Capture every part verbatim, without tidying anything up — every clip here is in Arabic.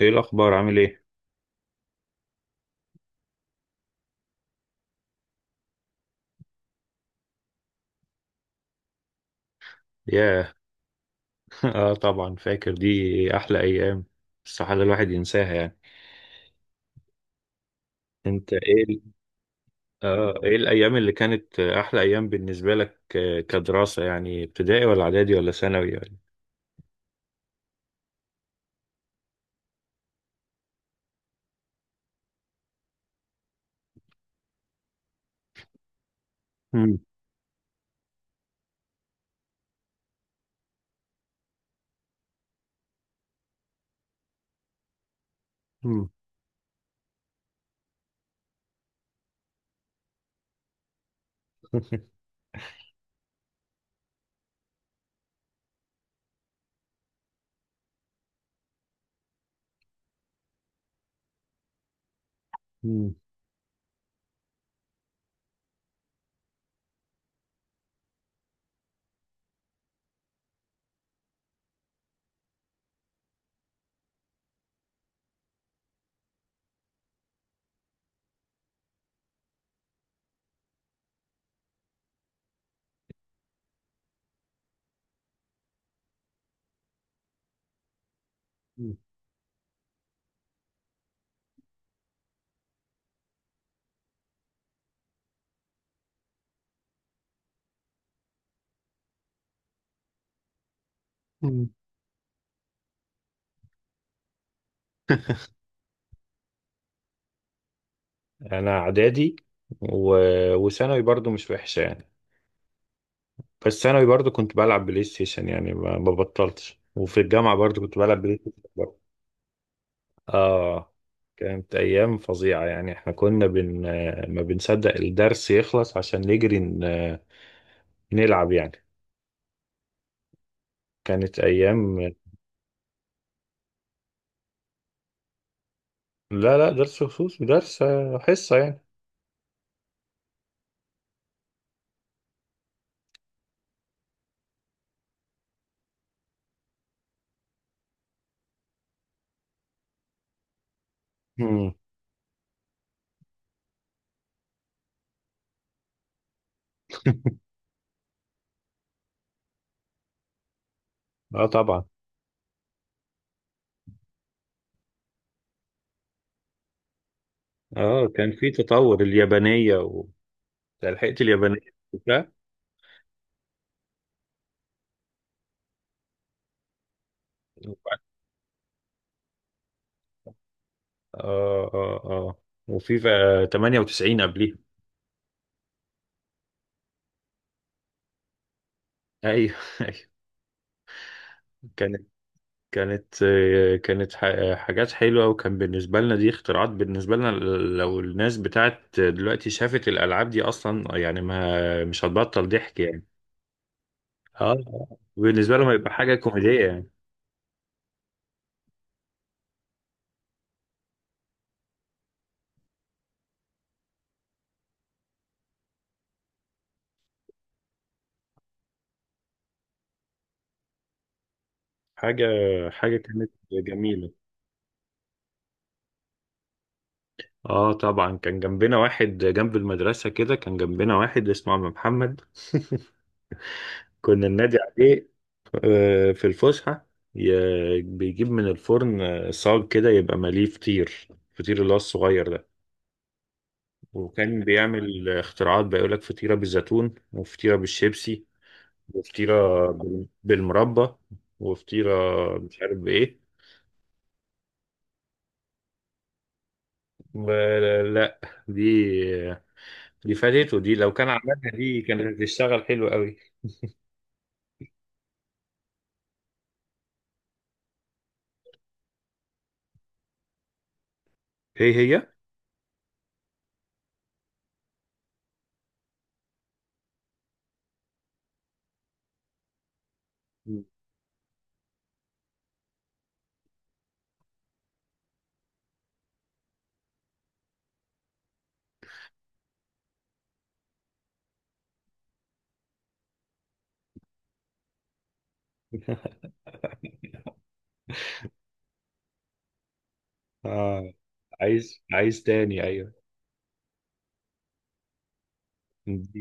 ايه الاخبار؟ عامل ايه؟ ياه. اه طبعا فاكر دي. احلى ايام. استحالة الواحد ينساها يعني. انت ايه ال-. اه ايه الايام اللي كانت احلى ايام بالنسبة لك آه، كدراسة يعني؟ ابتدائي ولا اعدادي ولا ثانوي ولا؟ مم. مم. مم. مم. انا اعدادي و... وثانوي برضو مش وحشة يعني. بس ثانوي برضو كنت بلعب بلاي ستيشن يعني ما ما بطلتش، وفي الجامعة برضو كنت بلعب بلاي ستيشن. آه. كانت أيام فظيعة يعني. إحنا كنا بن-، ما بنصدق الدرس يخلص عشان نجري ن- نلعب يعني. كانت أيام. لا لا درس خصوص درس آه، حصة يعني. مم. آه طبعا. آه كان في تطور اليابانية و... لحقت اليابانية. لا. وبعد-. آه آه آه. وفي ثمانية وتسعين قبليها. أيوه. أيوه. كان، كانت آه، كانت ح- حاجات حلوة، وكان بالنسبة لنا دي اختراعات بالنسبة لنا. لو الناس بتاعت دلوقتي شافت الألعاب دي أصلا يعني، ما مش هتبطل ضحك يعني. اه. بالنسبة لهم هيبقى حاجة كوميدية يعني. حاجة، حاجة كانت جميلة. اه طبعا كان جنبنا واحد جنب المدرسة كده. كان جنبنا واحد اسمه عم محمد، كنا ننادي عليه آه، في الفسحة. ي- بيجيب من الفرن آه، صاج كده يبقى مليه فطير، الفطير اللي هو الصغير ده. وكان بيعمل اختراعات بقى، يقول لك فطيرة بالزيتون، وفطيرة بالشيبسي، وفطيرة بال- بالمربى، وفطيرة مش عارف بإيه. ب-. لا، دي دي فاتته. دي لو كان عملها دي كانت هتشتغل حلو قوي. هي هي. آه عايز، عايز تاني، أيوه. دي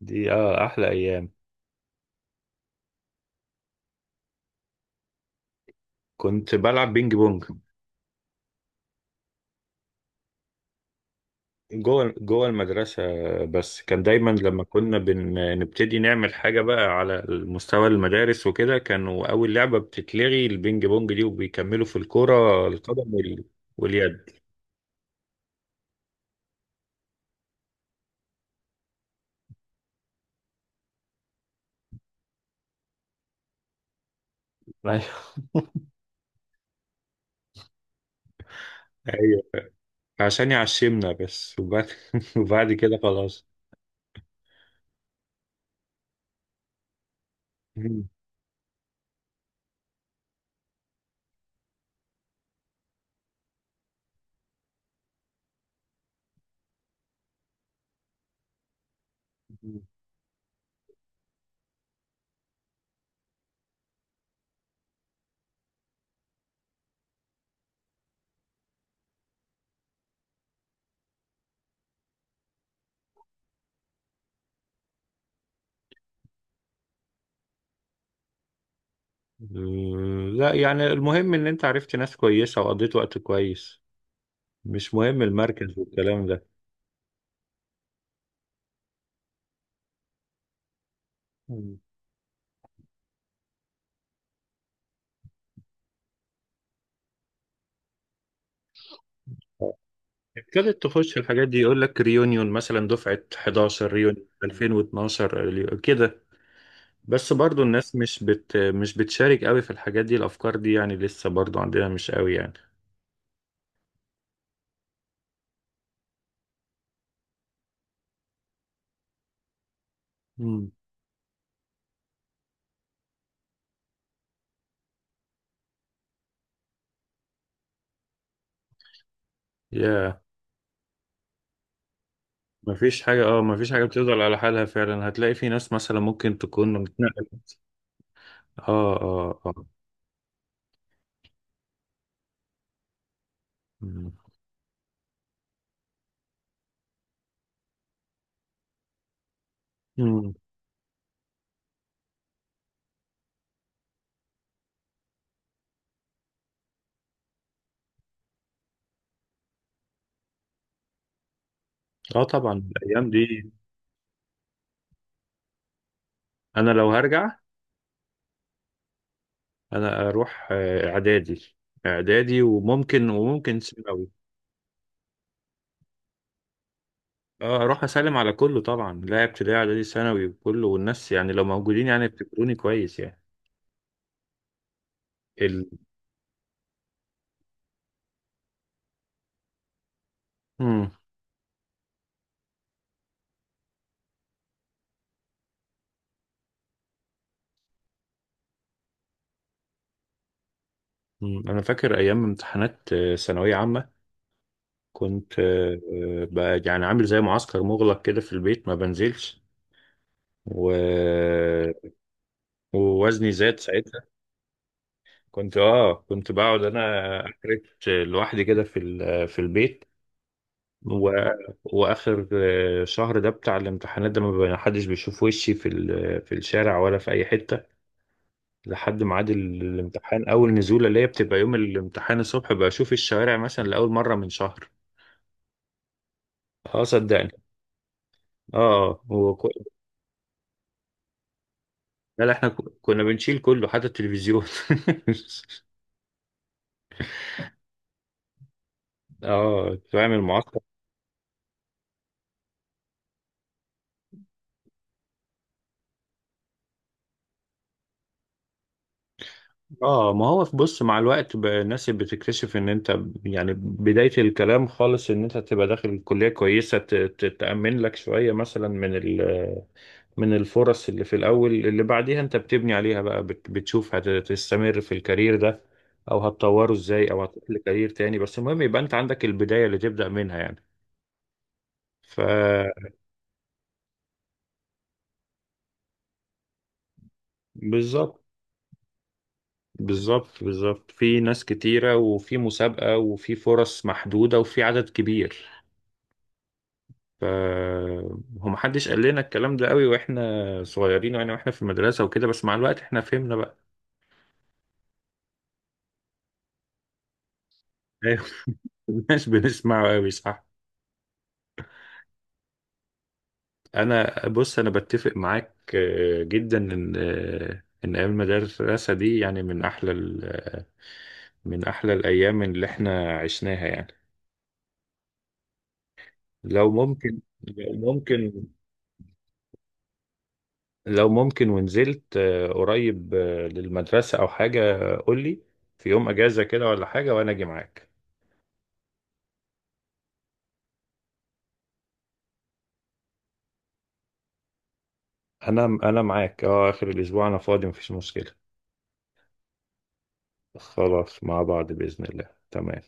دي آه أحلى أيام. كنت بلعب بينج بونج. جوه جوه المدرسة. بس كان دايما لما كنا بن... نبتدي نعمل حاجة بقى على مستوى المدارس وكده، كانوا أول لعبة بتتلغي البينج بونج دي، وبيكملوا في الكرة القدم وال... واليد. ايوه. أيوه عشان يعشمنا بس، وبعد، وبعد كده خلاص. لا يعني المهم إن أنت عرفت ناس كويسة وقضيت وقت كويس. مش مهم المركز والكلام ده. ابتدت تخش الحاجات دي، يقول لك ريونيون مثلا دفعة احداشر، ريونيون ألفين واثناشر، ريو- كده. بس برضو الناس مش بت مش بتشارك قوي في الحاجات دي، الأفكار دي يعني لسه برضو عندنا مش قوي يعني. مم. يا. مفيش حاجة، اه مفيش حاجة بتفضل على حالها فعلا. هتلاقي في ناس مثلا ممكن تكون اتنقلت. اه اه اه. مم. مم. اه طبعا الأيام دي. أنا لو هرجع، أنا أروح آه، إعدادي. إعدادي، وممكن وممكن ثانوي. اه اروح اسلم على كله طبعا، لا ابتدائي اعدادي ثانوي وكله، والناس يعني لو موجودين يعني افتكروني كويس يعني. ال... مم. مم. انا فاكر ايام امتحانات آه، ثانويه عامه. كنت آه، آه، بقى يعني عامل زي معسكر مغلق كده في البيت، ما بنزلش و... ووزني زاد ساعتها. كنت اه كنت بقعد انا اكرت لوحدي كده في ال... في البيت و... واخر آه، شهر ده بتاع الامتحانات ده ما بقى- حدش بيشوف وشي في ال... في الشارع ولا في اي حته، لحد ميعاد ال- الامتحان، اول نزوله اللي هي بتبقى يوم الامتحان الصبح بشوف الشوارع مثلا لاول مره من شهر. اه صدقني. اه هو كو-. لا لا، احنا كو- كنا بنشيل كله حتى التلفزيون. اه تعمل معسكر. اه ما هو في، بص، مع الوقت بقى الناس بتكتشف ان انت يعني بداية الكلام خالص ان انت تبقى داخل الكلية كويسة ت- ت- تأمن لك شوية مثلا من ال من الفرص اللي في الأول اللي بعديها أنت بتبني عليها بقى، بت- بتشوف هتستمر في الكارير ده أو هتطوره إزاي أو هتروح لكارير تاني، بس المهم يبقى أنت عندك البداية اللي تبدأ منها يعني. ف. بالظبط بالظبط بالظبط، في ناس كتيرة وفي مسابقة وفي فرص محدودة وفي عدد كبير. ف هو محدش قال لنا الكلام ده قوي واحنا صغيرين يعني، واحنا في المدرسة وكده، بس مع الوقت احنا فهمنا بقى. مش بنسمعه قوي صح. انا بص انا بتفق معاك آه، جدا ان آه، ان ايام المدرسه دي يعني من احلى ال- آه، من احلى الايام اللي احنا عشناها يعني. لو ممكن، لو ممكن، لو ممكن ونزلت آه، قريب آه، للمدرسه او حاجه قول لي في يوم اجازه كده ولا حاجه وانا اجي معاك. انا انا معاك اه اخر الاسبوع انا فاضي مفيش مشكله. خلاص مع بعض باذن الله، تمام.